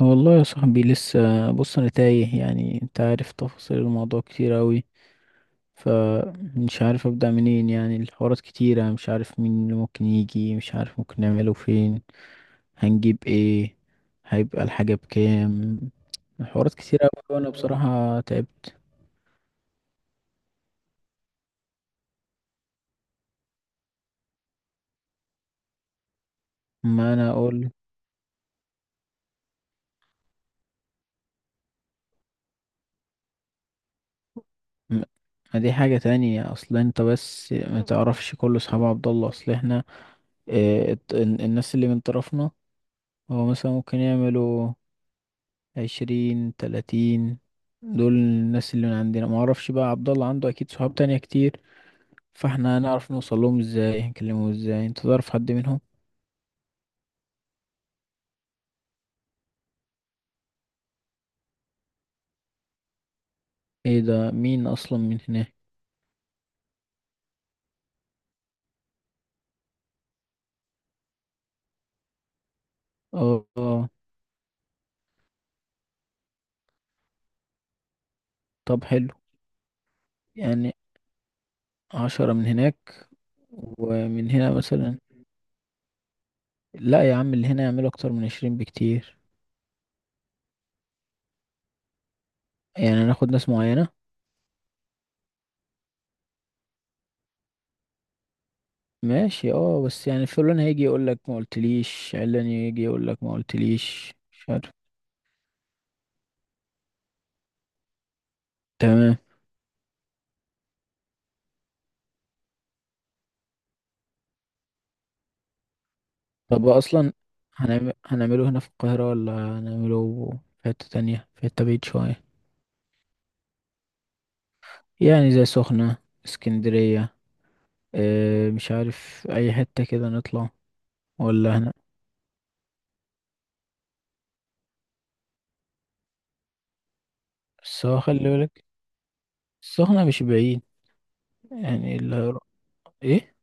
والله يا صاحبي لسه. بص، انا تايه، يعني انت عارف تفاصيل الموضوع كتير اوي، فمش عارف ابدأ منين. يعني الحوارات كتيرة، مش عارف مين اللي ممكن يجي، مش عارف ممكن نعمله فين، هنجيب ايه، هيبقى الحاجة بكام. الحوارات كتيرة اوي وانا بصراحة تعبت. ما انا اقول. م- ما دي حاجة تانية اصلا، انت بس ما تعرفش كل اصحاب عبد الله، اصل احنا اه الناس اللي من طرفنا هو مثلا ممكن يعملوا 20 30، دول الناس اللي من عندنا. ما اعرفش بقى، عبد الله عنده اكيد صحاب تانية كتير، فاحنا هنعرف نوصل لهم ازاي؟ هنكلمهم ازاي؟ انت تعرف حد منهم؟ ايه ده؟ مين اصلا من هناك؟ اه آه. طب حلو. يعني 10 من هناك ومن هنا مثلا. لا يا عم، اللي هنا يعملوا اكتر من 20 بكتير. يعني هناخد ناس معينة. ماشي، اه، بس يعني فلان هيجي يقولك ما قلتليش، علان يجي يقولك ما قلتليش، مش عارف. تمام. طب هو اصلا هنعمله هنا في القاهرة، ولا هنعمله في حتة تانية، في حتة بعيد شوية؟ يعني زي سخنة، اسكندرية. اه مش عارف، اي حتة كده نطلع ولا هنا. بس هو خلي بالك، السخنة مش بعيد. يعني ايه؟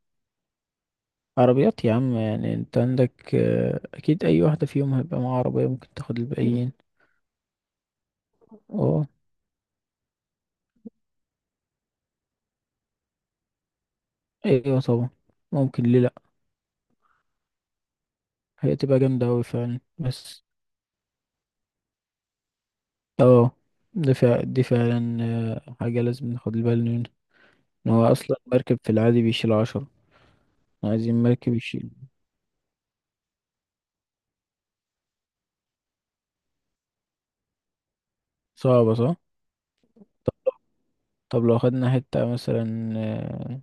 عربيات يا عم، يعني انت عندك اه اكيد اي واحدة فيهم هيبقى معاها عربية، ممكن تاخد الباقيين. اه. ايوه طبعا، ممكن ليه لأ. هي تبقى جامدة اوي فعلا، بس اه ده فع دي فعلا حاجة لازم ناخد بالنا منها. ان هو اصلا مركب في العادي بيشيل 10، عايزين مركب يشيل. صعبة صح؟ طب طب لو خدنا حتة مثلا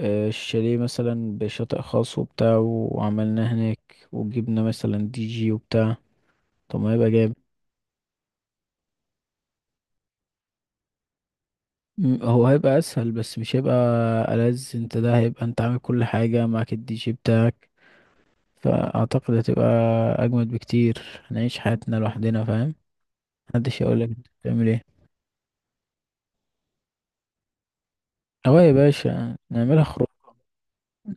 الشاليه مثلا بشاطئ خاص وبتاع، وعملناه هناك وجبنا مثلا دي جي وبتاع. طب ما هيبقى جامد. هو هيبقى اسهل بس مش هيبقى ألذ. انت ده هيبقى انت عامل كل حاجة معاك، الدي جي بتاعك، فاعتقد هتبقى اجمد بكتير. هنعيش حياتنا لوحدنا، فاهم؟ محدش يقول لك انت بتعمل ايه. اه يا باشا، نعملها خروج.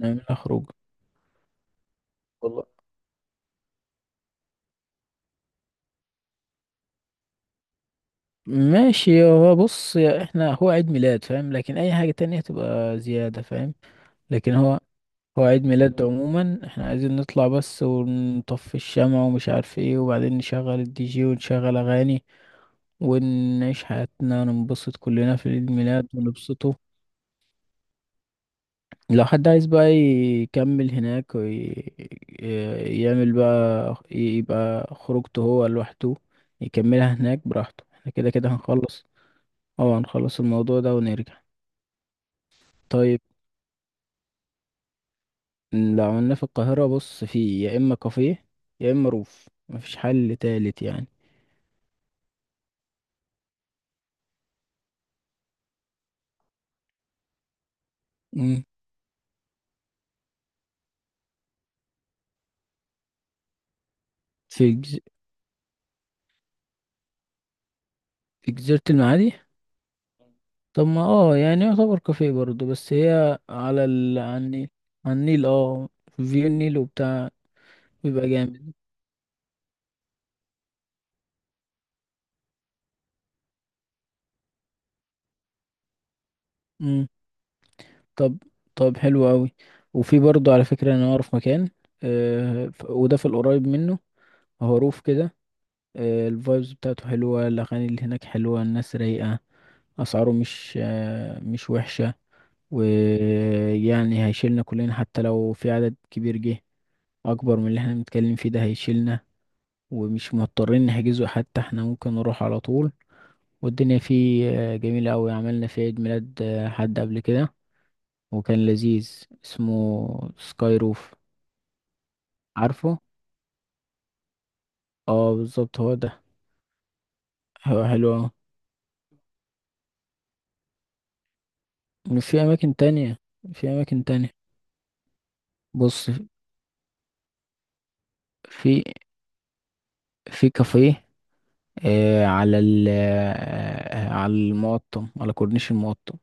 نعملها خروج. والله. ماشي. هو بص يا، احنا هو عيد ميلاد فاهم، لكن اي حاجة تانية تبقى زيادة فاهم. لكن هو، هو عيد ميلاد عموما، احنا عايزين نطلع بس ونطفي الشمع ومش عارف ايه، وبعدين نشغل الدي جي ونشغل اغاني، ونعيش حياتنا وننبسط كلنا في عيد ميلاد ونبسطه. لو حد عايز بقى يكمل هناك ويعمل بقى، يبقى خروجته هو لوحده، يكملها هناك براحته. احنا كده كده هنخلص، اه هنخلص الموضوع ده ونرجع. طيب. لو عملناه في القاهرة، بص، في يا اما كافيه يا اما روف، مفيش حل تالت يعني. مم. في في جزيرة المعادي. طب ما اه، يعني يعتبر كافيه برضه، بس هي عن النيل. على النيل اه، فيو النيل وبتاع، بيبقى جامد. طب. طب حلو قوي. وفي برضه على فكرة، انا اعرف مكان، وده في القريب منه، هروف كده. آه الفايبز بتاعته حلوة، الاغاني اللي هناك حلوة، الناس رايقة، اسعاره مش وحشة. ويعني هيشيلنا كلنا حتى لو في عدد كبير جه اكبر من اللي احنا بنتكلم فيه ده، هيشيلنا. ومش مضطرين نحجزه حتى، احنا ممكن نروح على طول. والدنيا فيه جميلة قوي، عملنا فيه عيد ميلاد حد قبل كده وكان لذيذ. اسمه سكاي روف. عارفه؟ اه بالظبط، هو ده. هو حلو أوي. وفي اماكن تانية. في اماكن تانية. بص، في في كافيه آه على ال آه على المقطم، على كورنيش المقطم.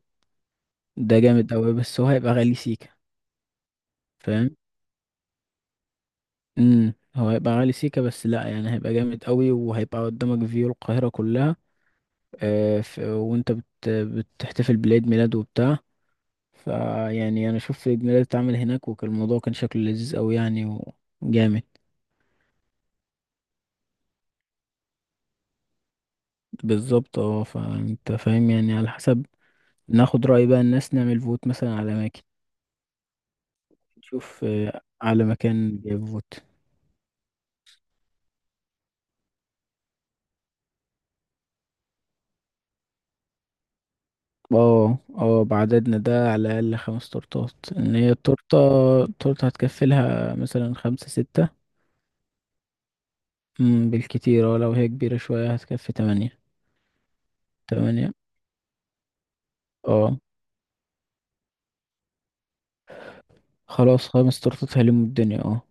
ده جامد قوي بس هو هيبقى غالي سيكا، فاهم؟ امم، هو هيبقى غالي سيكا بس لا، يعني هيبقى جامد قوي، وهيبقى قدامك فيو القاهرة كلها وانت بتحتفل بعيد ميلاد وبتاع. فيعني انا شفت عيد ميلاد اتعمل هناك وكان الموضوع، كان شكله لذيذ قوي يعني وجامد. بالظبط. اه فانت فاهم، يعني على حسب. ناخد رأي بقى الناس، نعمل فوت مثلا على اماكن، نشوف على مكان جايب فوت. اه. اه، بعددنا ده على الاقل 5 تورتات، ان هي التورته، التورته هتكفي لها مثلا 5 6. بالكتير، اه لو هي كبيره شويه هتكفي 8. تمانية. اه. خلاص، 5 تورتات هيلموا الدنيا. اه.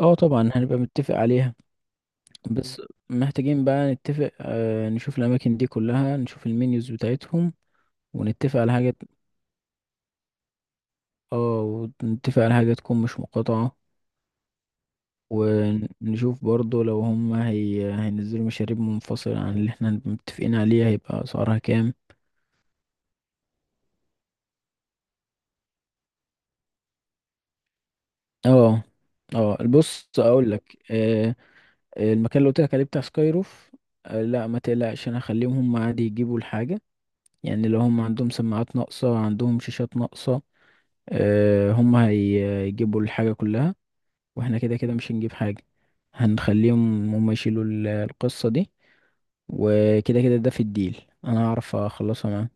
اه طبعا، هنبقى متفق عليها. بس محتاجين بقى نتفق، نشوف الأماكن دي كلها، نشوف المنيوز بتاعتهم ونتفق على حاجة. اه، ونتفق على حاجة تكون مش مقاطعة. ونشوف برضو لو هم هينزلوا مشاريب منفصلة عن اللي احنا هنبقى متفقين عليها، هيبقى أسعارها كام. اه. اه بص اقول لك، المكان اللي قلت لك عليه بتاع سكاي روف، لا ما تقلقش، انا هخليهم هم عادي يجيبوا الحاجة. يعني لو هم عندهم سماعات ناقصة، عندهم شاشات ناقصة، هم هيجيبوا الحاجة كلها. واحنا كده كده مش هنجيب حاجة، هنخليهم هم يشيلوا القصة دي. وكده كده ده في الديل انا هعرف اخلصها معاهم.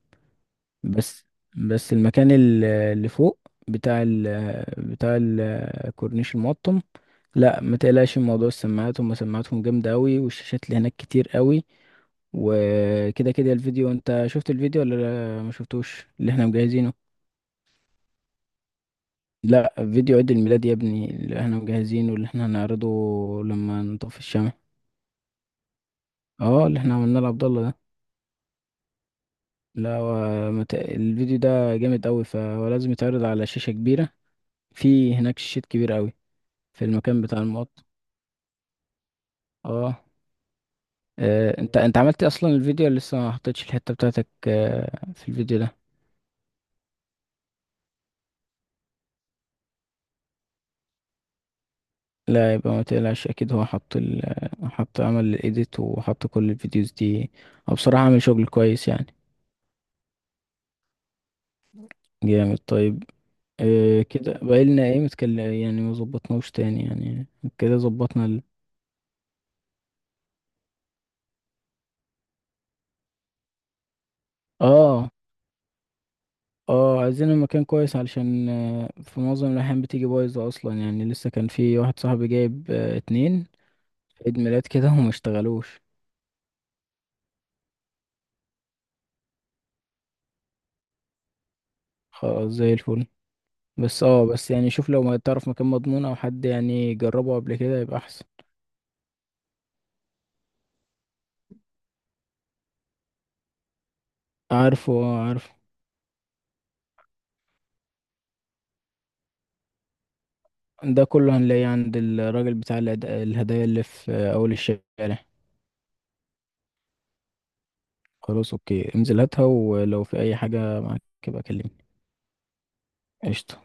بس. بس المكان اللي فوق، بتاع ال بتاع الكورنيش المقطم، لا ما تقلقش من موضوع السماعات، هم سماعاتهم جامدة قوي، والشاشات اللي هناك كتير قوي. وكده كده الفيديو، انت شفت الفيديو ولا ما شفتوش اللي احنا مجهزينه؟ لا، فيديو عيد الميلاد يا ابني، اللي احنا مجهزينه واللي احنا هنعرضه لما نطفي الشمع. اه، اللي احنا عملناه لعبد الله ده. لا هو الفيديو ده جامد قوي، فهو لازم يتعرض على شاشة كبيرة. في هناك شاشات كبيرة قوي في المكان بتاع اه. انت، انت عملت اصلا الفيديو، ولا لسه ما حطيتش الحتة بتاعتك في الفيديو ده؟ لا يبقى ما تقلقش، اكيد هو حط عمل الايديت وحط كل الفيديوز دي. او بصراحة عامل شغل كويس يعني. جامد. طيب. إيه كده بقالنا ايه متكلم يعني، ما ظبطناوش تاني يعني. كده ظبطنا اه. اه عايزين المكان كويس، علشان في معظم الأحيان بتيجي بايظة أصلا. يعني لسه كان في واحد صاحبي جايب 2 عيد ميلاد كده وما اشتغلوش. خلاص، زي الفل. بس اه، بس يعني شوف لو ما تعرف مكان مضمون أو حد يعني جربه قبل كده يبقى أحسن. عارفه اه، عارفه. ده كله هنلاقيه عند الراجل بتاع الهدايا اللي في أول الشارع. خلاص اوكي، انزل هاتها، ولو في اي حاجة معاك يبقى كلمني. قشطة.